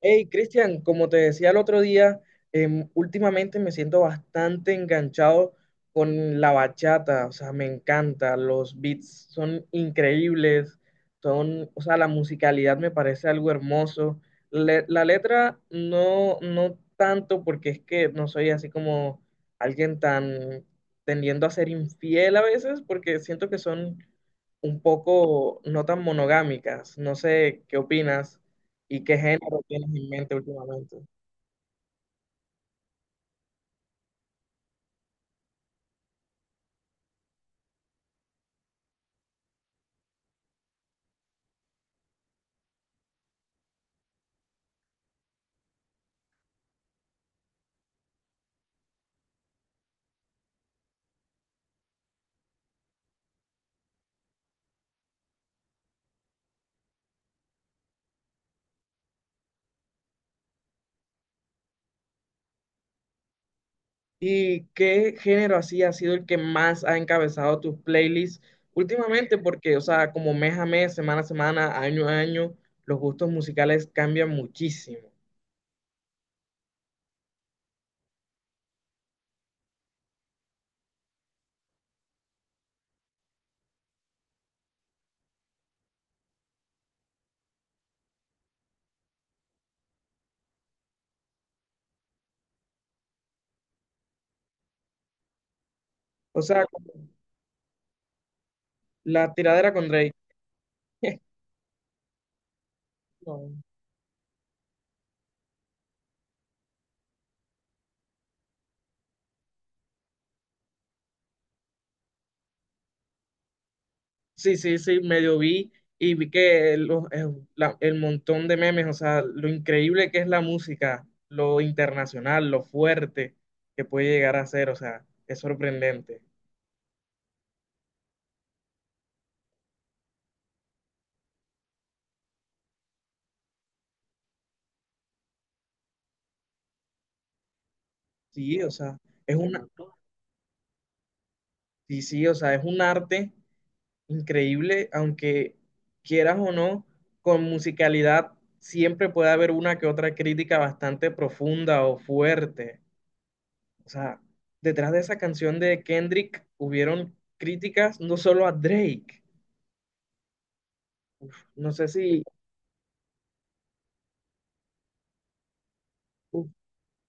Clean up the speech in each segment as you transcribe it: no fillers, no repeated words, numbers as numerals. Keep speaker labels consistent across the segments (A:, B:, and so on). A: Hey, Cristian, como te decía el otro día, últimamente me siento bastante enganchado con la bachata, o sea, me encanta, los beats son increíbles, o sea, la musicalidad me parece algo hermoso. La letra no, no tanto porque es que no soy así como alguien tan tendiendo a ser infiel a veces, porque siento que son un poco no tan monogámicas, no sé qué opinas. ¿Y qué género tienes en mente últimamente? ¿Y qué género así ha sido el que más ha encabezado tus playlists últimamente? Porque, o sea, como mes a mes, semana a semana, año a año, los gustos musicales cambian muchísimo. O sea, como la tiradera con Drake. No. Sí, sí, sí, medio vi y vi que el montón de memes, o sea, lo increíble que es la música, lo internacional, lo fuerte que puede llegar a ser, o sea, es sorprendente. Sí, o sea, es El una, sí, sí, o sea, es un arte increíble, aunque quieras o no, con musicalidad siempre puede haber una que otra crítica bastante profunda o fuerte. O sea, detrás de esa canción de Kendrick hubieron críticas no solo a Drake. No sé si,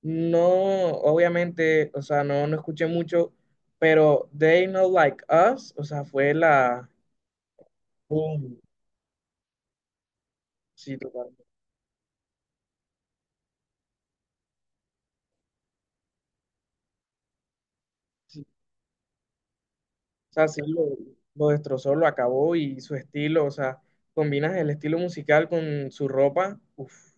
A: no, obviamente, o sea, no, no escuché mucho, pero They Not Like Us, o sea, fue la... Boom. Sí, total. O sea, sí, lo destrozó, lo acabó y su estilo, o sea, combinas el estilo musical con su ropa. Uf,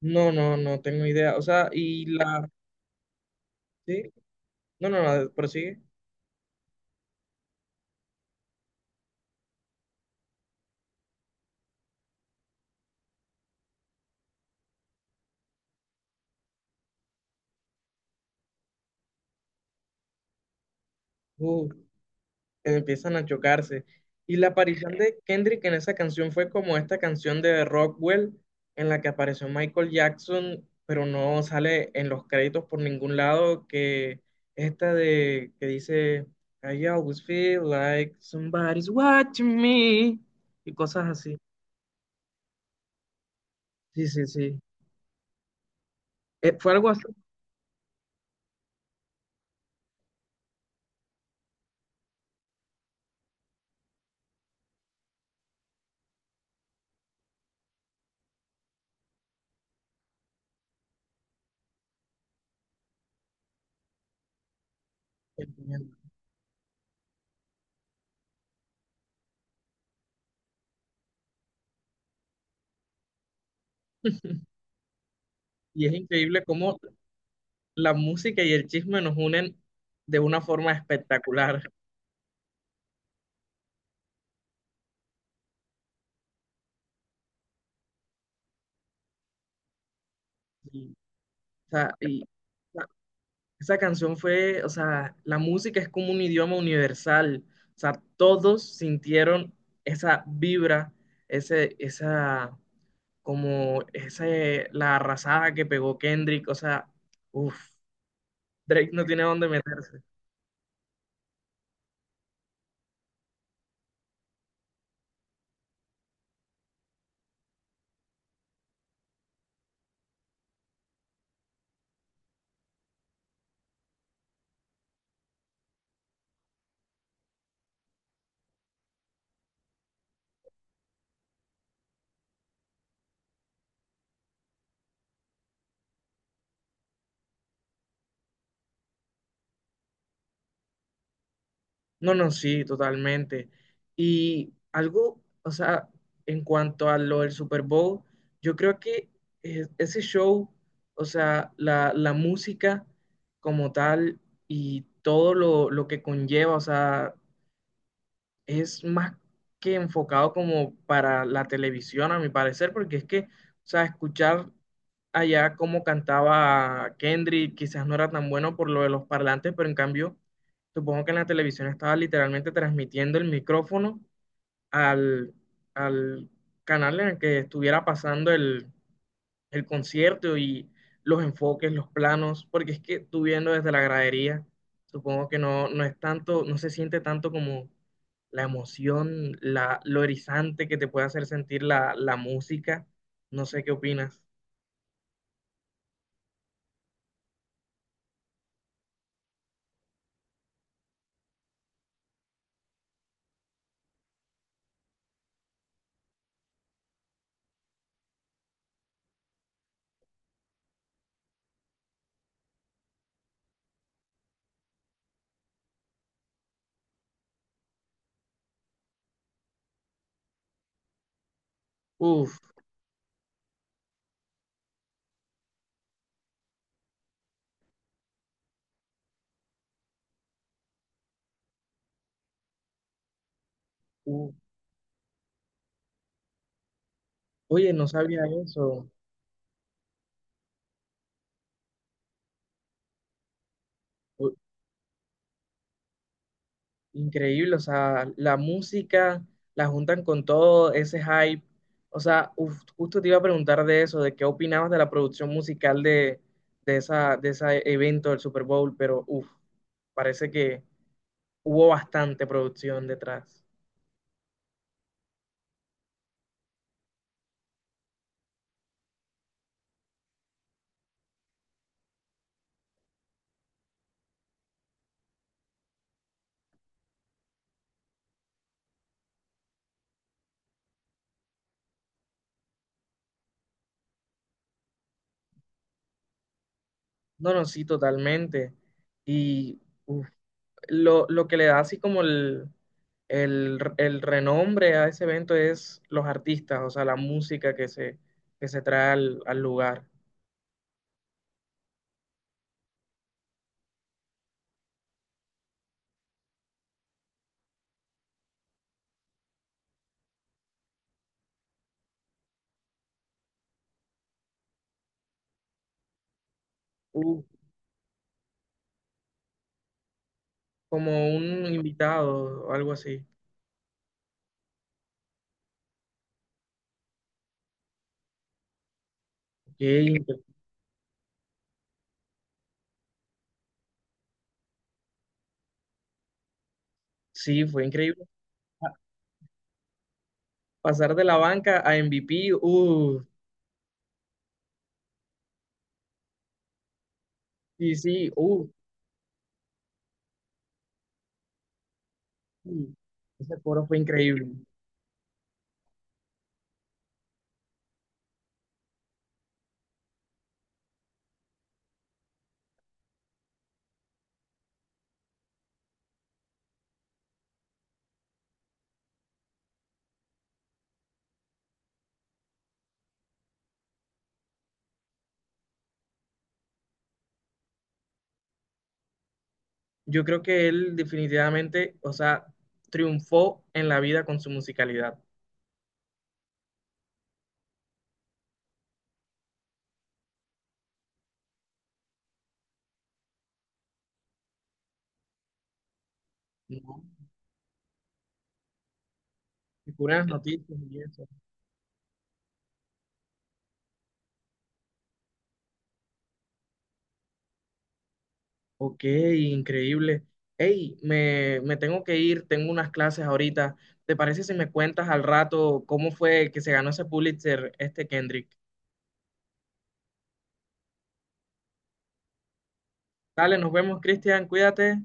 A: no, no, no tengo idea. O sea, y la... Sí, no, no, no, prosigue. Uf. Empiezan a chocarse. Y la aparición de Kendrick en esa canción fue como esta canción de Rockwell en la que apareció Michael Jackson, pero no sale en los créditos por ningún lado, que esta de que dice I always feel like somebody's watching me y cosas así. Sí, sí, sí. Fue algo así. Y es increíble cómo la música y el chisme nos unen de una forma espectacular. Y, o sea, esa canción fue, o sea, la música es como un idioma universal. O sea, todos sintieron esa vibra, ese, esa, como, ese, la arrasada que pegó Kendrick. O sea, uff, Drake no tiene dónde meter. No, no, sí, totalmente. Y algo, o sea, en cuanto a lo del Super Bowl, yo creo que ese show, o sea, la música como tal y todo lo que conlleva, o sea, es más que enfocado como para la televisión, a mi parecer, porque es que, o sea, escuchar allá cómo cantaba Kendrick quizás no era tan bueno por lo de los parlantes, pero en cambio, supongo que en la televisión estaba literalmente transmitiendo el micrófono al, al canal en el que estuviera pasando el concierto y los enfoques, los planos, porque es que tú viendo desde la gradería, supongo que no, no es tanto, no se siente tanto como la emoción, lo erizante que te puede hacer sentir la música. No sé qué opinas. Uf, uf. Oye, no sabía eso. Increíble, o sea, la música la juntan con todo ese hype. O sea, uf, justo te iba a preguntar de eso, de qué opinabas de la producción musical de esa, de ese evento del Super Bowl, pero uf, parece que hubo bastante producción detrás. No, no, sí, totalmente. Y uf, lo que le da así como el renombre a ese evento es los artistas, o sea, la música que se trae al lugar. Uf, como un invitado o algo así. Ok, sí, fue increíble. Ah, pasar de la banca a MVP, sí, sí, sí. Ese coro fue increíble. Yo creo que él definitivamente, o sea, triunfó en la vida con su musicalidad. ¿No? Y puras noticias y eso. Ok, increíble. Hey, me tengo que ir, tengo unas clases ahorita. ¿Te parece si me cuentas al rato cómo fue que se ganó ese Pulitzer, este Kendrick? Dale, nos vemos, Cristian, cuídate.